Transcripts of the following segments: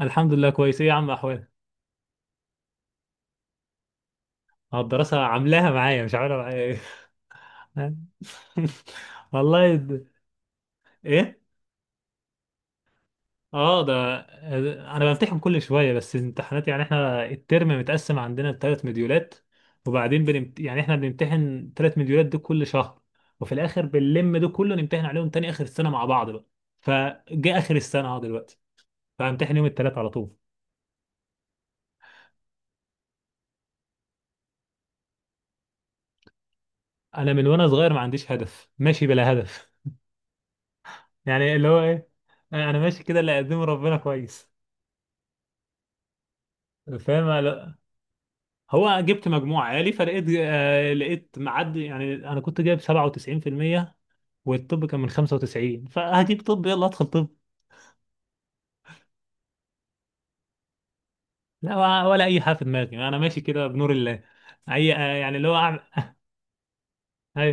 الحمد لله، كويس. ايه يا عم احوالك؟ اه، الدراسة عاملاها معايا مش عاملة معايا ايه. والله ايه. اه ده انا بمتحن كل شوية، بس الامتحانات يعني احنا الترم متقسم عندنا لثلاث مديولات. وبعدين يعني احنا بنمتحن ثلاث مديولات دول كل شهر، وفي الاخر بنلم دول كله نمتحن عليهم تاني اخر السنة مع بعض بقى. فجاء اخر السنة اهو دلوقتي، فامتحن يوم الثلاث على طول. انا من وانا صغير ما عنديش هدف، ماشي بلا هدف، يعني اللي هو ايه، انا ماشي كده، اللي يقدمه ربنا كويس فاهم. لا، هو جبت مجموع عالي، فلقيت لقيت معدي، يعني انا كنت جايب 97%، والطب كان من 95، فهجيب طب، يلا ادخل طب. لا، ولا ولا اي حاجه في دماغي، انا ماشي كده بنور الله. اي يعني اللي هو اعمل اي.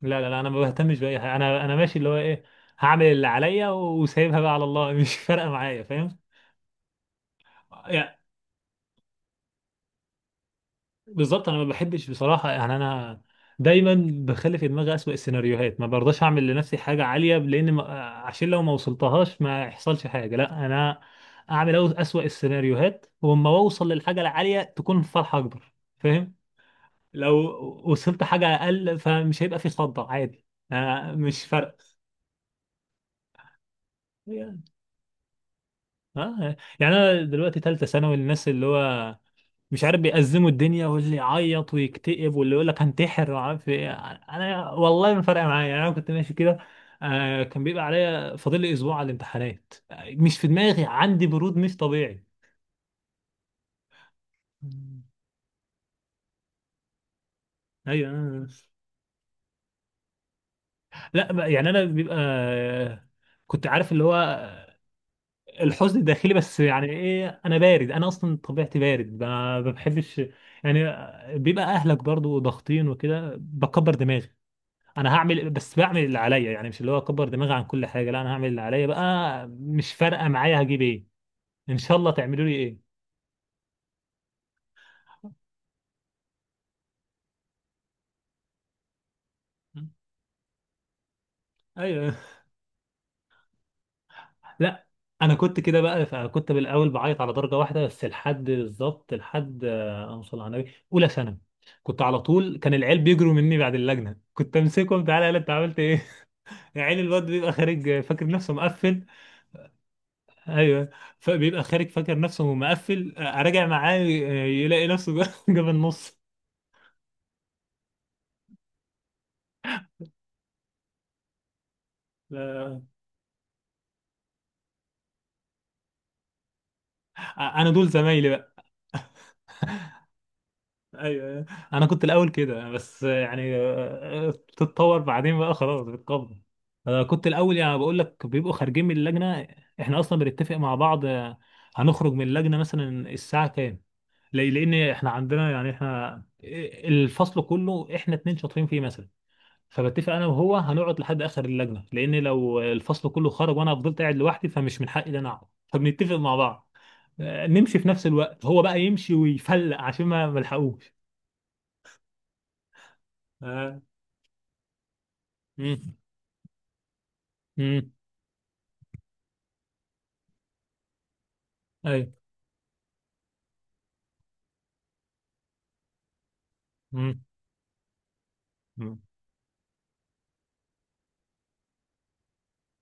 لا لا لا، انا ما بهتمش باي حاجه، انا ماشي اللي هو ايه، هعمل اللي عليا وسايبها بقى على الله. مش فارقه معايا فاهم. بالظبط، انا ما بحبش بصراحه، يعني انا دايما بخلي في دماغي اسوأ السيناريوهات، ما برضاش اعمل لنفسي حاجه عاليه لان ما... عشان لو ما وصلتهاش ما يحصلش حاجه، لا انا اعمل اسوأ السيناريوهات، واما اوصل للحاجه العاليه تكون فرحه اكبر فاهم. لو وصلت حاجه اقل فمش هيبقى في خضه، عادي، أنا مش فارق. اه، يعني انا دلوقتي ثالثه ثانوي، الناس اللي هو مش عارف بيأزموا الدنيا، واللي يعيط ويكتئب، واللي يقول لك هنتحر وعارف ايه. انا والله ما فارقه معايا، يعني انا كنت ماشي كده. آه، كان بيبقى عليا فاضل لي اسبوع على الامتحانات، مش في دماغي، عندي برود مش طبيعي. مم. ايوه آه. لا بقى- يعني انا بيبقى كنت عارف اللي هو الحزن الداخلي، بس يعني ايه، انا بارد، انا اصلا طبيعتي بارد، ما بحبش يعني. بيبقى اهلك برضو ضاغطين وكده بكبر دماغي، انا هعمل، بس بعمل اللي عليا، يعني مش اللي هو اكبر دماغي عن كل حاجه، لا انا هعمل اللي عليا بقى، مش فارقه معايا هجيب ايه. ان شاء الله تعملوا لي ايه. ايوه. لا، انا كنت كده بقى، فكنت بالاول بعيط على درجه واحده بس، لحد بالظبط لحد اوصل على النبي اولى ثانوي. كنت على طول كان العيال بيجروا مني بعد اللجنه، كنت امسكهم تعالى يلا انت عملت ايه. عيل الواد بيبقى خارج فاكر نفسه مقفل. ايوه. فبيبقى خارج فاكر نفسه مقفل، راجع معاه يلاقي نفسه جاب النص. انا دول زمايلي بقى. ايوه أيوة. انا كنت الاول كده، بس يعني تتطور بعدين بقى، خلاص بتقبل. أنا كنت الاول يعني بقول لك بيبقوا خارجين من اللجنه، احنا اصلا بنتفق مع بعض، هنخرج من اللجنه مثلا الساعه كام. لان احنا عندنا، يعني احنا الفصل كله احنا اتنين شاطرين فيه مثلا، فبتفق انا وهو هنقعد لحد اخر اللجنه، لان لو الفصل كله خرج وانا فضلت قاعد لوحدي فمش من حقي ان انا اقعد، فبنتفق مع بعض نمشي في نفس الوقت، هو بقى يمشي ويفلق عشان ما ملحقوش. آه. مم. مم. ايوه. مم. مم.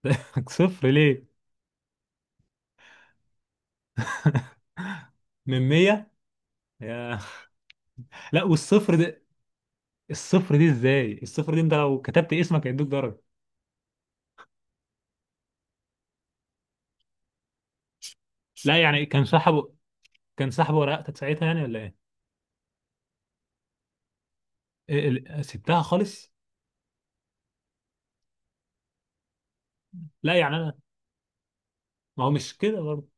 صفر ليه؟ من 100 يا. لا والصفر ده، الصفر دي ازاي، الصفر دي انت لو كتبت اسمك هيدوك درجه. لا يعني كان سحبه، كان سحبه ورقتك ساعتها يعني ولا ايه؟ إيه- سبتها خالص. لا يعني انا، ما هو مش كده برضه،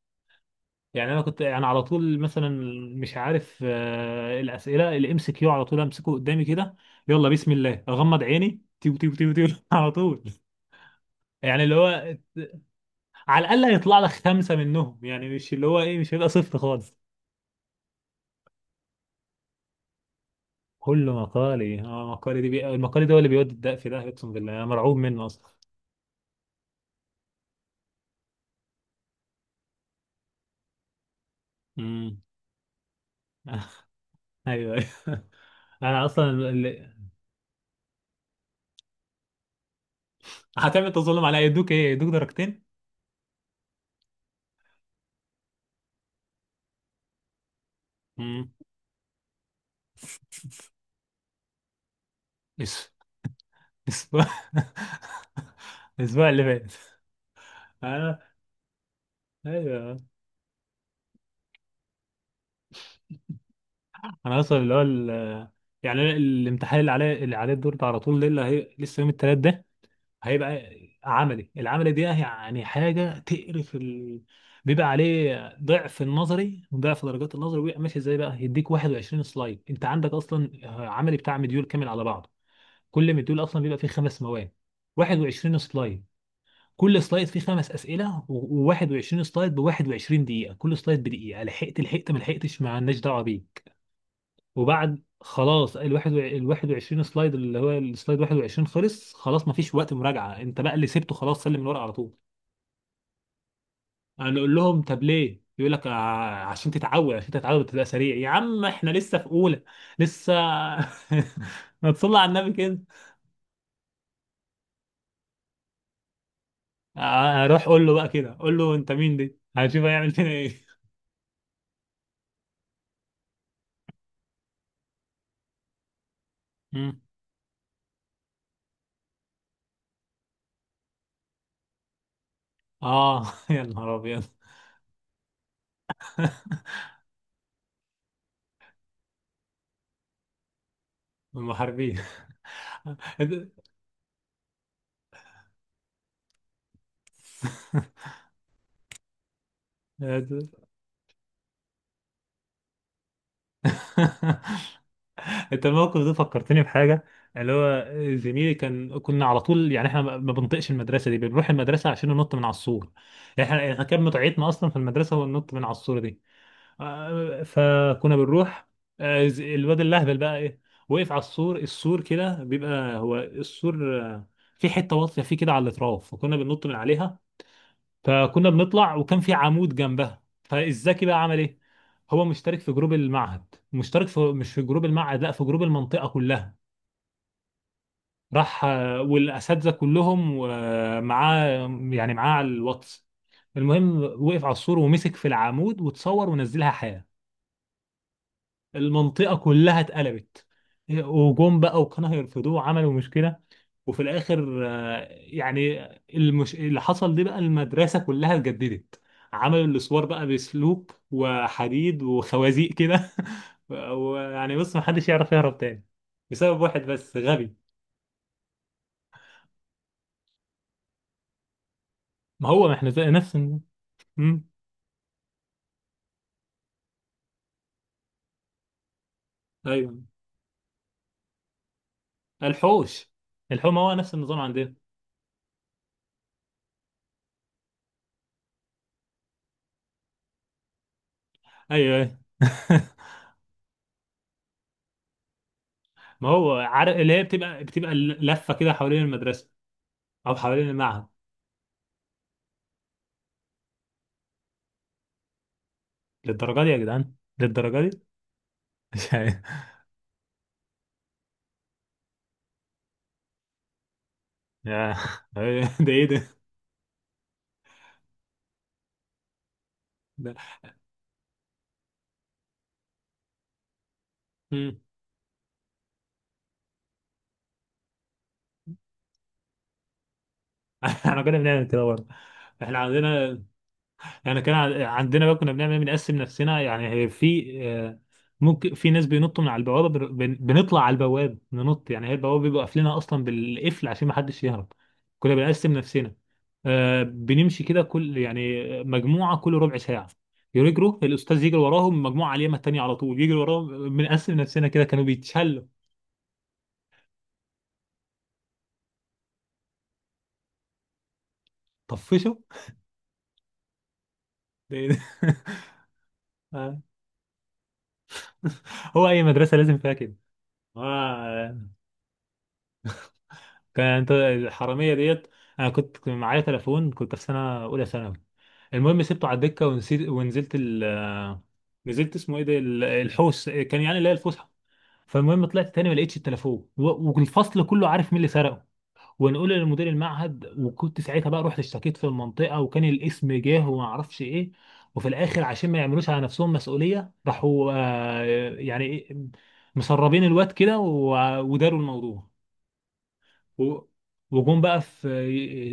يعني انا كنت انا على طول مثلا مش عارف، الاسئله اللي امسك كيو على طول امسكه قدامي كده، يلا بسم الله اغمض عيني تيو تيو تيو تيو على طول، يعني اللي هو على الاقل هيطلع لك خمسه منهم، يعني مش اللي هو ايه مش هيبقى صفر خالص. كل مقالي، اه مقالي المقالي ده هو اللي بيودي الدق في ده، اقسم بالله انا مرعوب منه اصلا. امم ايوه أيوة. انا اصلا اللي... هتعمل تظلم عليا يدوك ايه؟ يدوك درجتين. امم اسف، اسف الاسبوع اللي فات. انا ايوه. انا اصلا اللي هو يعني أنا الامتحان اللي عليه، اللي عليه الدور ده على طول، ده اللي هي لسه يوم التلات ده، هيبقى عملي، العملي دي يعني يعني حاجه تقرف بيبقى عليه ضعف النظري، وضعف درجات النظري، وبيبقى ماشي ازاي بقى، يديك 21 سلايد انت عندك اصلا، عملي بتاع مديول كامل على بعضه، كل مديول اصلا بيبقى فيه خمس مواد، 21 سلايد، كل سلايد فيه خمس اسئله، و21 سلايد ب 21 دقيقه، كل سلايد بدقيقه، لحقت لحقت ما لحقتش ما لناش دعوه بيه. وبعد خلاص الواحد ال 21 سلايد، اللي هو السلايد 21 خلص، خلاص مفيش وقت مراجعه، انت بقى اللي سبته خلاص، سلم الورقه على طول. انا اقول لهم طب ليه، يقول لك عشان تتعود عشان تتعود تبقى سريع، يا عم احنا لسه في اولى، لسه". ما تصلي على النبي كده. اروح اقول له بقى كده، اقول له انت مين دي، هنشوف هيعمل فينا ايه. مم. اه يا نهار ابيض. المحاربين. انت الموقف ده فكرتني بحاجه، اللي هو زميلي كان، كنا على طول يعني احنا ما بنطقش المدرسه دي، بنروح المدرسه عشان ننط من على السور، احنا احنا كان متعتنا اصلا في المدرسه هو النط من على السور دي. آه، فكنا بنروح، الواد اللهبل بقى ايه، وقف على السور، السور كده بيبقى هو السور في حته واطيه فيه كده على الاطراف فكنا بننط من عليها. فكنا بنطلع وكان في عمود جنبها، فالزكي بقى عمل ايه، هو مشترك في جروب المعهد، مشترك في مش في جروب المعهد لا في جروب المنطقة كلها، راح والأساتذة كلهم ومعاه، يعني معاه على الواتس. المهم وقف على السور ومسك في العمود وتصور ونزلها حياة. المنطقة كلها اتقلبت، وجم بقى وكانوا هيرفضوه وعملوا مشكلة، وفي الآخر يعني اللي حصل دي بقى، المدرسة كلها اتجددت، عملوا الأسوار بقى بسلوب وحديد وخوازيق كده. ويعني بص محدش يعرف يهرب تاني، بسبب واحد بس غبي. ما هو ما احنا نفس مم. ايوه. الحوش، الحوش ما هو نفس النظام عندنا. ايوه أيوة. ما هو عارف اللي هي بتبقى بتبقى لفة كده حوالين المدرسة او حوالين المعهد. للدرجة دي يا جدعان؟ للدرجة دي؟ مش عارف. يا ده ايه ده. ده- مم. احنا كنا بنعمل كده برضه. احنا عندنا، احنا كان عندنا بقى كنا بنعمل، بنقسم نفسنا، يعني هي في ممكن في ناس بينطوا من على البوابه، بنطلع على البواب ننط، يعني هي البوابه بيبقوا قافلينها اصلا بالقفل عشان ما حدش يهرب. كنا بنقسم نفسنا بنمشي كده كل يعني مجموعه كل ربع ساعه يجروا، الاستاذ يجري وراهم، مجموعه على اليمه التانيه على طول يجري وراهم، بنقسم نفسنا كده كانوا بيتشلوا. طفشه. ده- آه. هو اي مدرسه لازم فيها كده. آه. كانت الحراميه ديت، انا كنت معايا تليفون كنت في سنه اولى ثانوي، المهم سبته على الدكه ونسيت ونزلت ال نزلت اسمه ايه ده الحوش كان يعني اللي هي الفسحه. فالمهم طلعت تاني ما لقيتش التليفون، والفصل كله عارف مين اللي سرقه. ونقول لمدير المعهد، وكنت ساعتها بقى رحت اشتكيت في المنطقه، وكان الاسم جه وما اعرفش ايه. وفي الاخر عشان ما يعملوش على نفسهم مسؤوليه راحوا يعني مسربين الواد كده، وداروا الموضوع. و وجم بقى في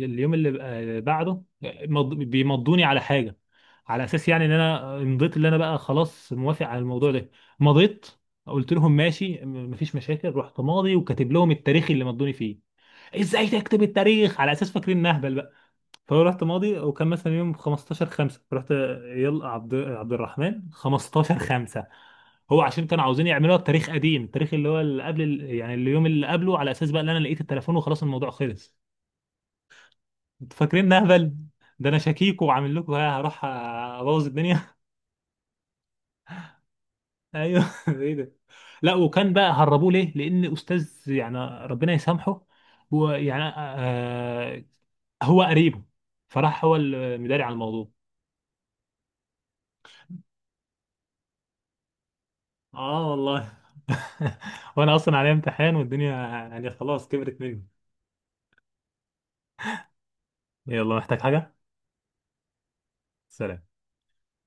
اليوم اللي بعده بيمضوني على حاجه، على اساس يعني ان انا مضيت، اللي انا بقى خلاص موافق على الموضوع ده، مضيت. قلت لهم ماشي، مفيش مشاكل، رحت ماضي وكاتب لهم التاريخ اللي مضوني فيه. ازاي تكتب التاريخ؟ على اساس فاكرين نهبل بقى. فهو رحت ماضي وكان مثلا يوم 15 5، رحت يلا عبد عبد الرحمن 15 5. هو عشان كانوا عاوزين يعملوها بتاريخ قديم، التاريخ اللي هو اللي قبل يعني اليوم اللي قبله، على اساس بقى ان انا لقيت التليفون وخلاص الموضوع خلص. انتوا فاكرين نهبل. ده انا شكيك وعامل لكم ها هروح ابوظ الدنيا. ايوه ايه ده. لا، وكان بقى هربوه ليه، لان استاذ، يعني ربنا يسامحه، هو يعني هو قريبه، فراح هو المداري على الموضوع. اه والله. وانا اصلا عليا امتحان والدنيا، يعني خلاص كبرت مني. يلا، محتاج حاجة؟ سلام.